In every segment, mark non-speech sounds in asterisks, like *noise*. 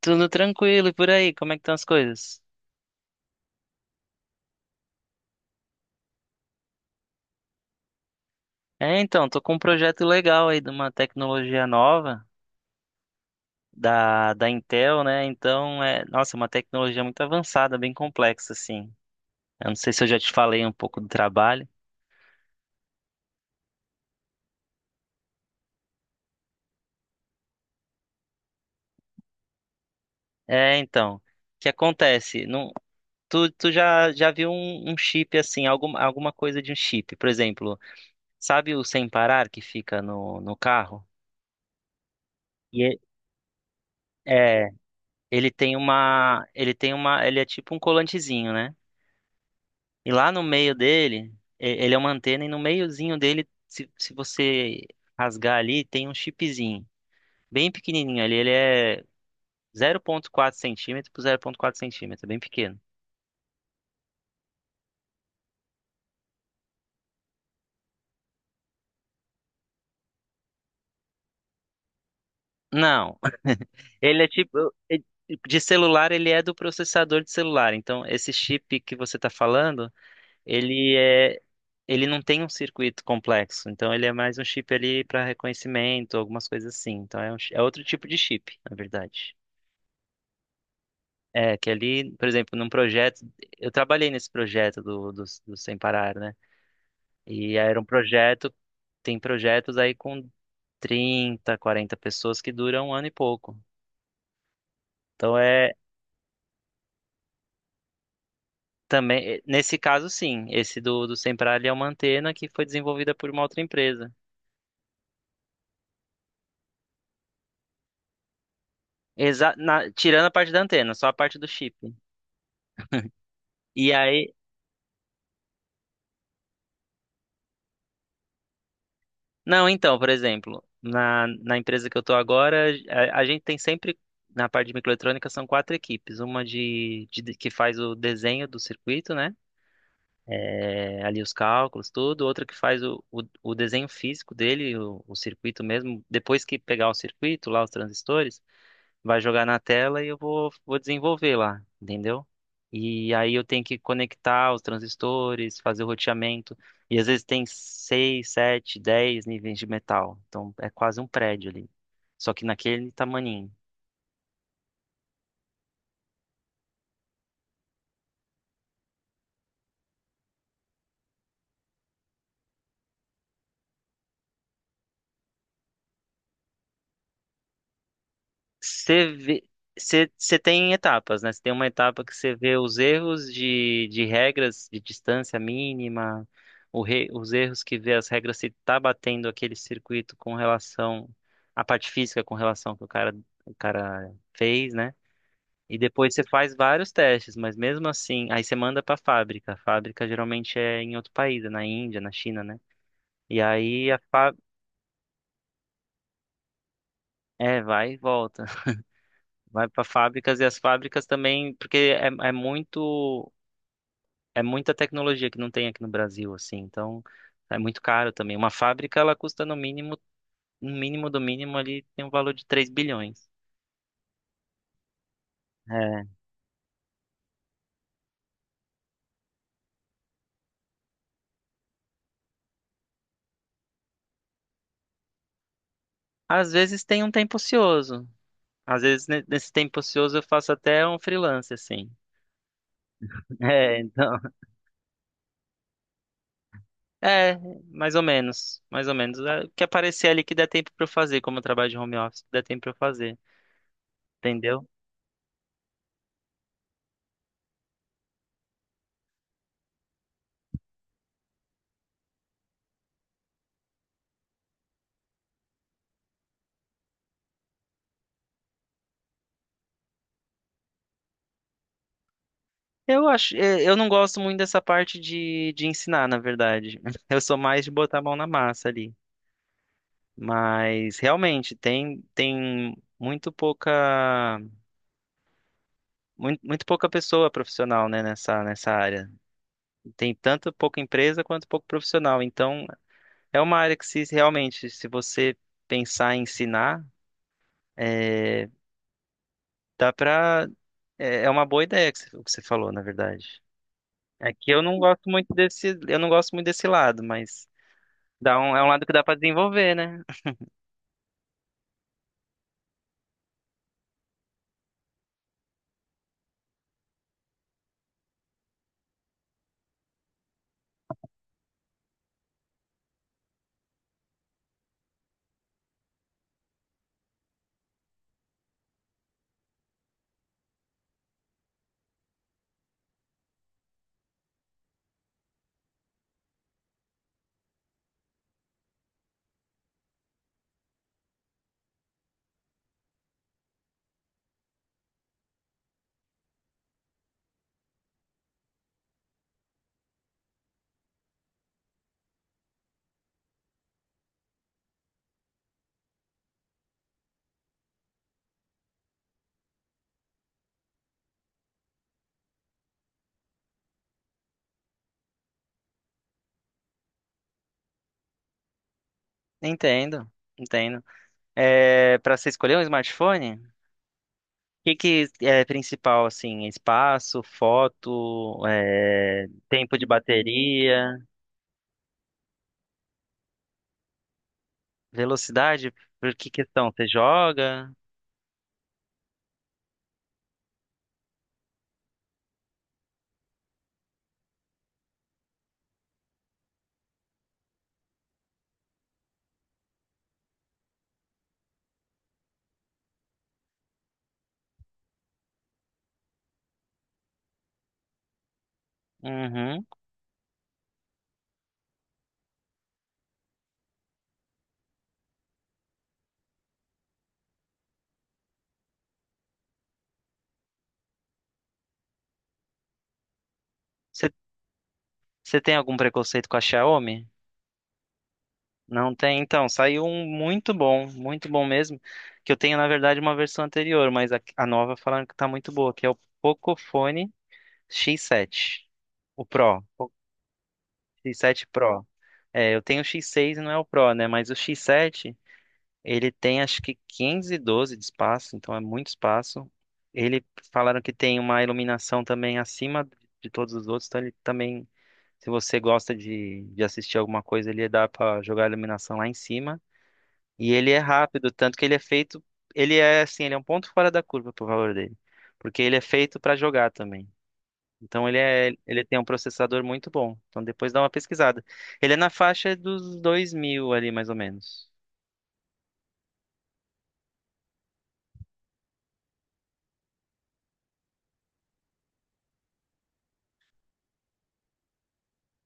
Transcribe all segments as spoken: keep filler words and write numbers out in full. Tudo tranquilo e por aí, como é que estão as coisas? É, então, tô com um projeto legal aí de uma tecnologia nova da, da Intel, né? Então, é, nossa, é uma tecnologia muito avançada, bem complexa, assim. Eu não sei se eu já te falei um pouco do trabalho. É, então, o que acontece? Não, tu, tu já, já viu um, um chip, assim, alguma, alguma coisa de um chip. Por exemplo, sabe o sem parar que fica no, no carro? E é, é, ele tem uma, ele tem uma, ele é tipo um colantezinho, né? E lá no meio dele, e- ele é uma antena, e no meiozinho dele, se, se você rasgar ali, tem um chipzinho. Bem pequenininho ali. Ele é zero vírgula quatro centímetro por zero vírgula quatro centímetro. É bem pequeno. Não, *laughs* ele é tipo. É- De celular, ele é do processador de celular. Então, esse chip que você está falando, ele é. Ele não tem um circuito complexo. Então, ele é mais um chip ali para reconhecimento, algumas coisas assim. Então, é, um chi- é outro tipo de chip, na verdade. É, que ali, por exemplo, num projeto, eu trabalhei nesse projeto do, do, do Sem Parar, né? E era um projeto, tem projetos aí com trinta, quarenta pessoas que duram um ano e pouco. Então é também, eh, nesse caso sim, esse do, do Sem Parar ele é uma antena que foi desenvolvida por uma outra empresa. Exa na- tirando a parte da antena, só a parte do chip. E aí não, então, por exemplo, na, na empresa que eu estou agora, a, a gente tem sempre, na parte de microeletrônica, são quatro equipes. Uma de, de- que faz o desenho do circuito, né? É, ali os cálculos, tudo. Outra que faz o, o, o desenho físico dele, o, o circuito mesmo. Depois que pegar o circuito, lá os transistores vai jogar na tela e eu vou, vou desenvolver lá, entendeu? E aí eu tenho que conectar os transistores, fazer o roteamento. E às vezes tem seis, sete, dez níveis de metal. Então é quase um prédio ali. Só que naquele tamaninho. Você vê, você, você tem etapas, né? Você tem uma etapa que você vê os erros de, de regras de distância mínima, o re- os erros que vê as regras se tá batendo aquele circuito com relação à parte física, com relação ao que o cara, o cara fez, né? E depois você faz vários testes, mas mesmo assim, aí você manda para a fábrica. A fábrica geralmente é em outro país, é na Índia, na China, né? E aí a fábrica. É, vai e volta. Vai para fábricas e as fábricas também, porque é, é muito é muita tecnologia que não tem aqui no Brasil, assim. Então é muito caro também. Uma fábrica ela custa no mínimo, no mínimo do mínimo ali tem um valor de três bilhões. É. Às vezes tem um tempo ocioso. Às vezes ne- nesse tempo ocioso eu faço até um freelance assim. *laughs* É, então. É, mais ou menos, mais ou menos. É, o que aparecer ali que der tempo para eu fazer, como eu trabalho de home office, que der tempo para eu fazer, entendeu? Eu acho, é, eu não gosto muito dessa parte de, de ensinar, na verdade. *laughs* Eu sou mais de botar a mão na massa ali. Mas realmente tem tem muito pouca muito, muito pouca pessoa profissional, né, nessa nessa área. Tem tanto pouca empresa quanto pouco profissional. Então, é uma área que se realmente, se você pensar em ensinar, é, dá pra é, é uma boa ideia que você- o que você falou, na verdade. É que eu não gosto muito desse, eu não gosto muito desse lado, mas dá um, é um lado que dá pra desenvolver, né? Entendo, entendo. É, para você escolher um smartphone, o que que é principal, assim, espaço, foto, é, tempo de bateria, velocidade, por que questão? Você joga? Uhum. Você, você tem algum preconceito com a Xiaomi? Não tem? Então, saiu um muito bom, muito bom mesmo, que eu tenho, na verdade, uma versão anterior, mas a, a nova falando que tá muito boa, que é o Pocophone X sete. O Pro. X sete Pro. É, eu tenho o X seis e não é o Pro, né? Mas o X sete, ele tem acho que quinhentos e doze de espaço, então é muito espaço. Ele falaram que tem uma iluminação também acima de todos os outros, então ele também, se você gosta de, de assistir alguma coisa, ele dá pra jogar a iluminação lá em cima. E ele é rápido, tanto que ele é feito, ele é assim, ele é um ponto fora da curva pro valor dele, porque ele é feito pra jogar também. Então ele é, ele tem um processador muito bom. Então depois dá uma pesquisada. Ele é na faixa dos dois mil ali, mais ou menos.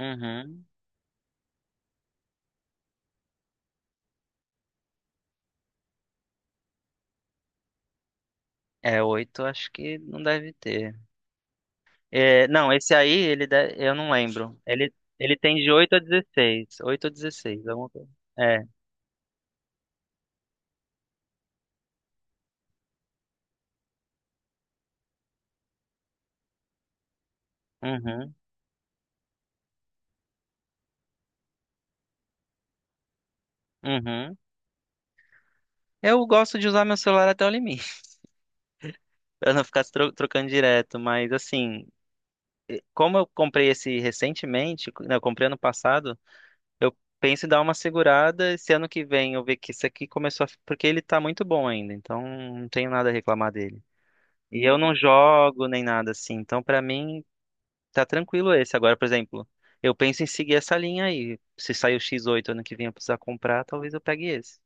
Uhum. É, oito acho que não deve ter. É, não, esse aí, ele de- eu não lembro. Ele, ele tem de oito a dezesseis. Oito a dezesseis. Alguma coisa. É. Uhum. Uhum. Eu gosto de usar meu celular até o limite, *laughs* pra não ficar tro- trocando direto, mas assim, como eu comprei esse recentemente, não, eu comprei ano passado, eu penso em dar uma segurada. Esse ano que vem eu ver que isso aqui começou a... fi- Porque ele tá muito bom ainda, então não tenho nada a reclamar dele. E eu não jogo nem nada assim, então pra mim tá tranquilo esse. Agora, por exemplo, eu penso em seguir essa linha aí. Se sair o X oito ano que vem eu precisar comprar, talvez eu pegue esse.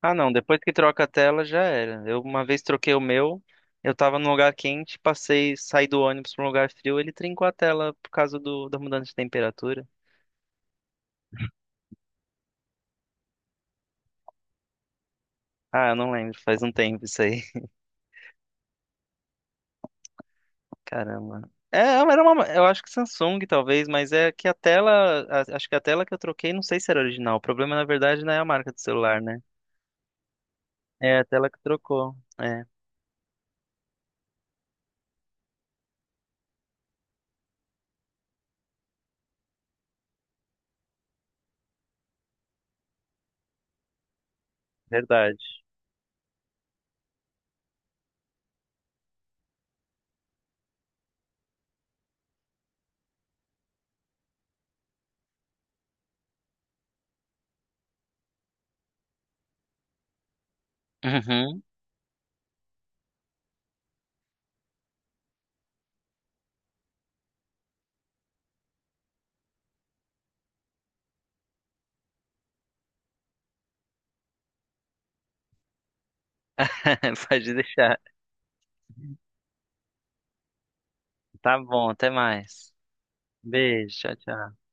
Ah, não, depois que troca a tela já era. Eu uma vez troquei o meu, eu tava num lugar quente, passei, saí do ônibus pra um lugar frio, ele trincou a tela por causa do, da mudança de temperatura. Ah, eu não lembro, faz um tempo isso aí. Caramba. É, era uma, eu acho que Samsung talvez, mas é que a tela, a- acho que a tela que eu troquei, não sei se era original. O problema na verdade não é a marca do celular, né? É a tela que trocou. É, verdade. Uhum. *laughs* Pode deixar. Tá bom, até mais. Beijo, tchau, tchau.